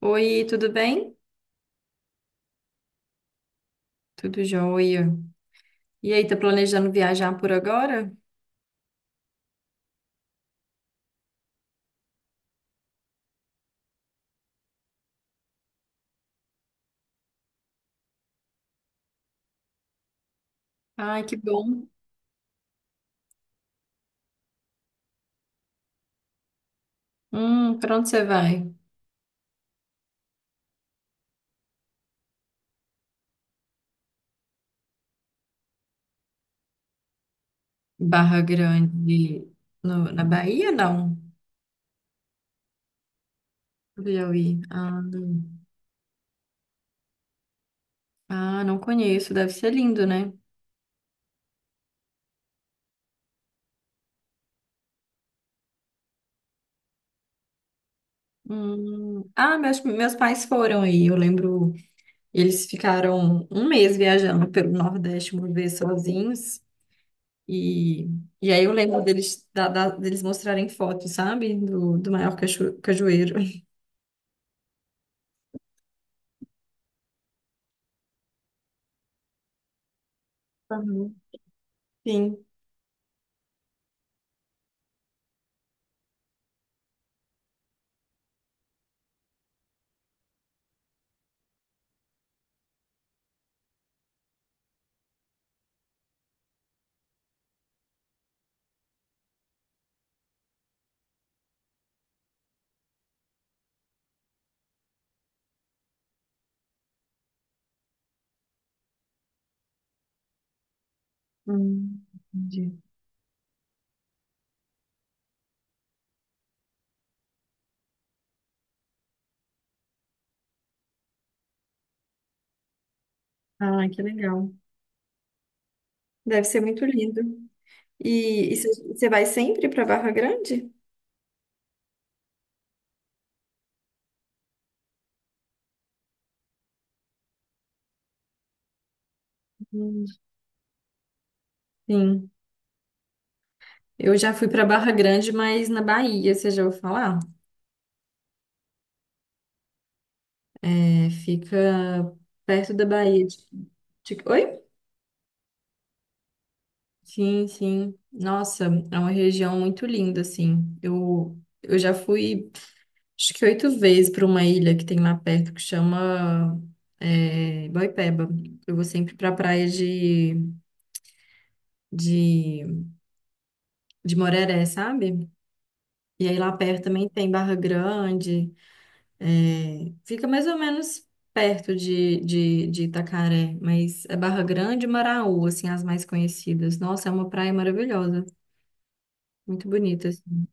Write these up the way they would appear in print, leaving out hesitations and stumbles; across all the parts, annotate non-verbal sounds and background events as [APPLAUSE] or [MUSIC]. Oi, tudo bem? Tudo jóia. E aí, tá planejando viajar por agora? Ai, que bom. Pra onde você vai? Barra Grande, na Bahia, não? No Piauí. Ah, não. Ah, não conheço. Deve ser lindo, né? Hum. Ah, meus pais foram aí. Eu lembro, eles ficaram um mês viajando pelo Nordeste uma vez sozinhos. E, e aí eu lembro deles, deles mostrarem fotos, sabe? Do maior cajueiro. [LAUGHS] Sim. Hum, entendi. Ah, que legal. Deve ser muito lindo. E você vai sempre para Barra Grande? Hum. Sim. Eu já fui para Barra Grande, mas na Bahia, você já ouviu falar? É, fica perto da Bahia. Oi? Sim, sim. Nossa, é uma região muito linda, assim. Eu já fui, acho que oito vezes para uma ilha que tem lá perto que chama é, Boipeba. Eu vou sempre para praia de, de Moreré, sabe? E aí lá perto também tem Barra Grande, é, fica mais ou menos perto de Itacaré, mas é Barra Grande e Maraú, assim, as mais conhecidas. Nossa, é uma praia maravilhosa, muito bonita, assim.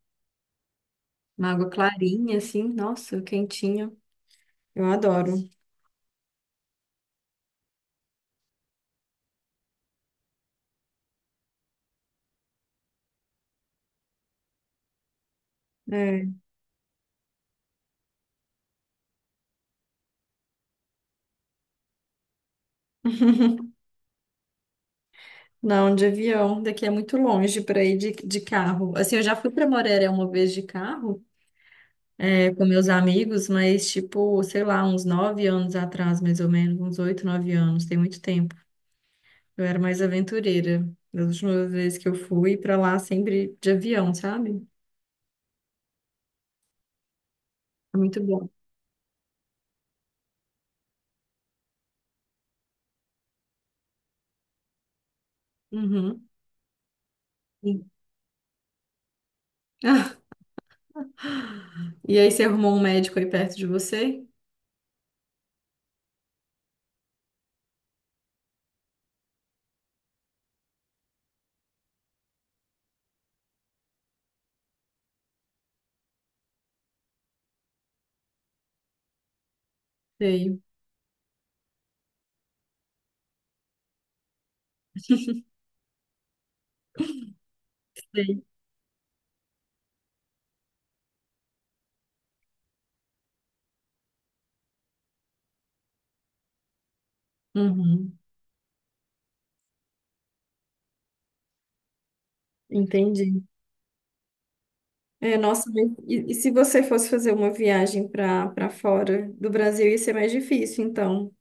Uma água clarinha, assim, nossa, quentinha. Eu adoro. É. [LAUGHS] Não, de avião, daqui é muito longe para ir de carro. Assim, eu já fui para Moreré uma vez de carro, é, com meus amigos, mas tipo, sei lá, uns nove anos atrás, mais ou menos, uns oito, nove anos, tem muito tempo. Eu era mais aventureira. Das últimas vezes que eu fui pra lá, sempre de avião, sabe? É muito bom. Uhum. E [LAUGHS] Ah, e aí, você arrumou um médico aí perto de você? Sei, sei. Uhum. Entendi. É, nossa, mas e se você fosse fazer uma viagem para fora do Brasil, ia ser mais difícil, então,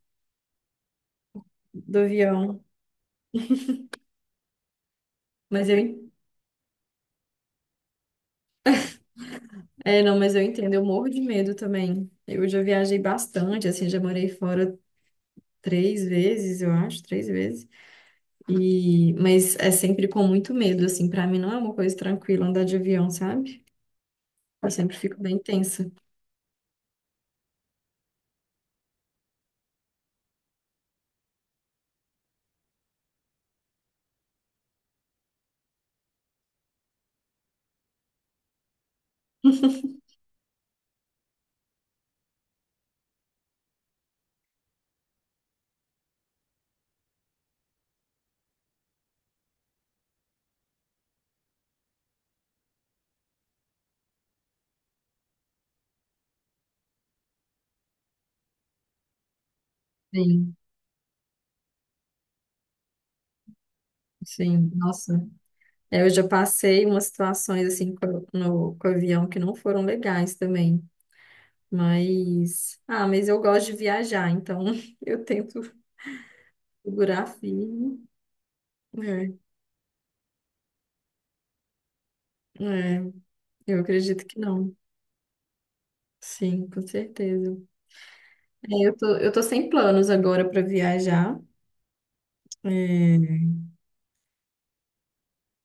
do avião. Mas eu, É, não, mas eu entendo, eu morro de medo também. Eu já viajei bastante, assim, já morei fora três vezes, eu acho, três vezes. E, mas é sempre com muito medo, assim, pra mim não é uma coisa tranquila andar de avião, sabe? Eu sempre fico bem tensa. Sim, sim, nossa. É, eu já passei umas situações, assim, no, com o avião que não foram legais também. Mas, ah, mas eu gosto de viajar, então [LAUGHS] eu tento segurar firme. É, é, eu acredito que não. Sim, com certeza. É, eu tô sem planos agora para viajar, é,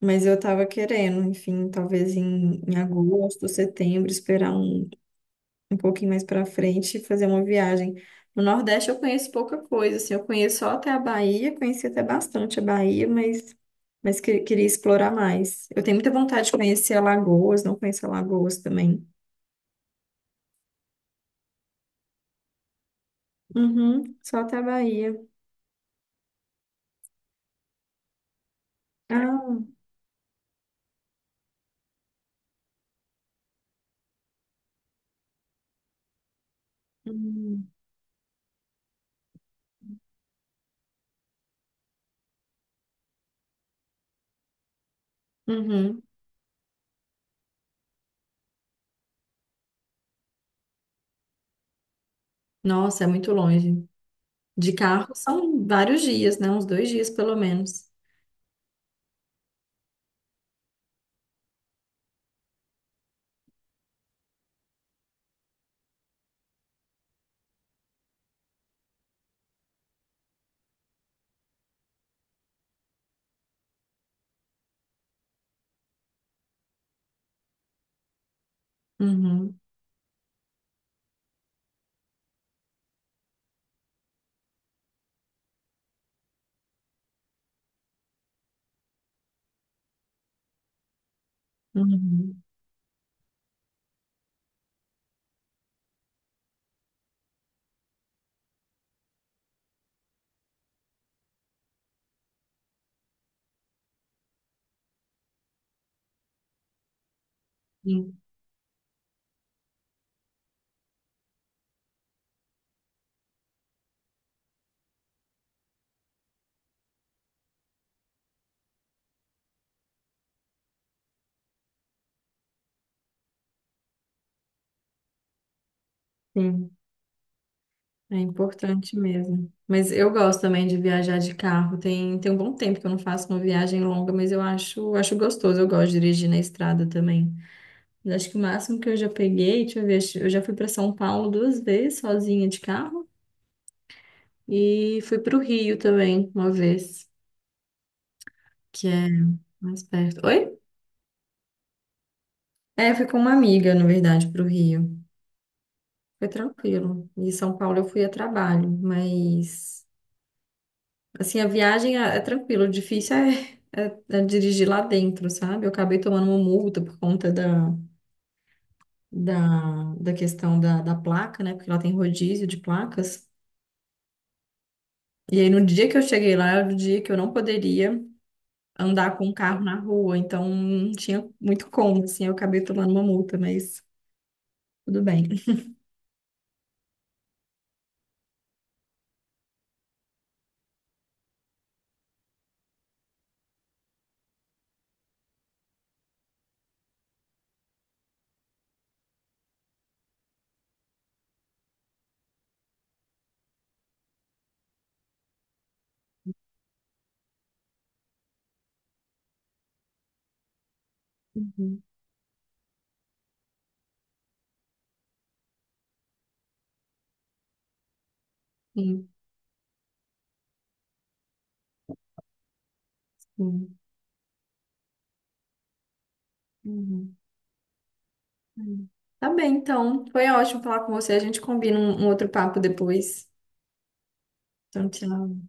mas eu tava querendo, enfim, talvez em, em agosto, setembro, esperar um, um pouquinho mais para frente e fazer uma viagem. No Nordeste eu conheço pouca coisa, assim, eu conheço só até a Bahia, conheci até bastante a Bahia, mas, queria explorar mais. Eu tenho muita vontade de conhecer Alagoas, não conheço Alagoas também. Uhum, só até a Bahia. Ah, uhum. Uhum. Nossa, é muito longe. De carro são vários dias, né? Uns dois dias, pelo menos. Uhum, uhum. Sim, sim. É importante mesmo. Mas eu gosto também de viajar de carro. Tem um bom tempo que eu não faço uma viagem longa, mas acho gostoso. Eu gosto de dirigir na estrada também. Eu acho que o máximo que eu já peguei, deixa eu ver, eu já fui para São Paulo duas vezes sozinha de carro e fui para o Rio também uma vez, que é mais perto. Oi? É, eu fui com uma amiga, na verdade, para o Rio. Foi tranquilo. E São Paulo eu fui a trabalho, mas assim, a viagem é, é tranquilo, o difícil é, é dirigir lá dentro, sabe? Eu acabei tomando uma multa por conta da questão da placa, né? Porque lá tem rodízio de placas. E aí no dia que eu cheguei lá, era o dia que eu não poderia andar com o carro na rua, então não tinha muito como, assim, eu acabei tomando uma multa, mas tudo bem. Uhum, sim, sim. Uhum. Hum. Tá bem, então. Foi ótimo falar com você. A gente combina um outro papo depois. Então, tchau.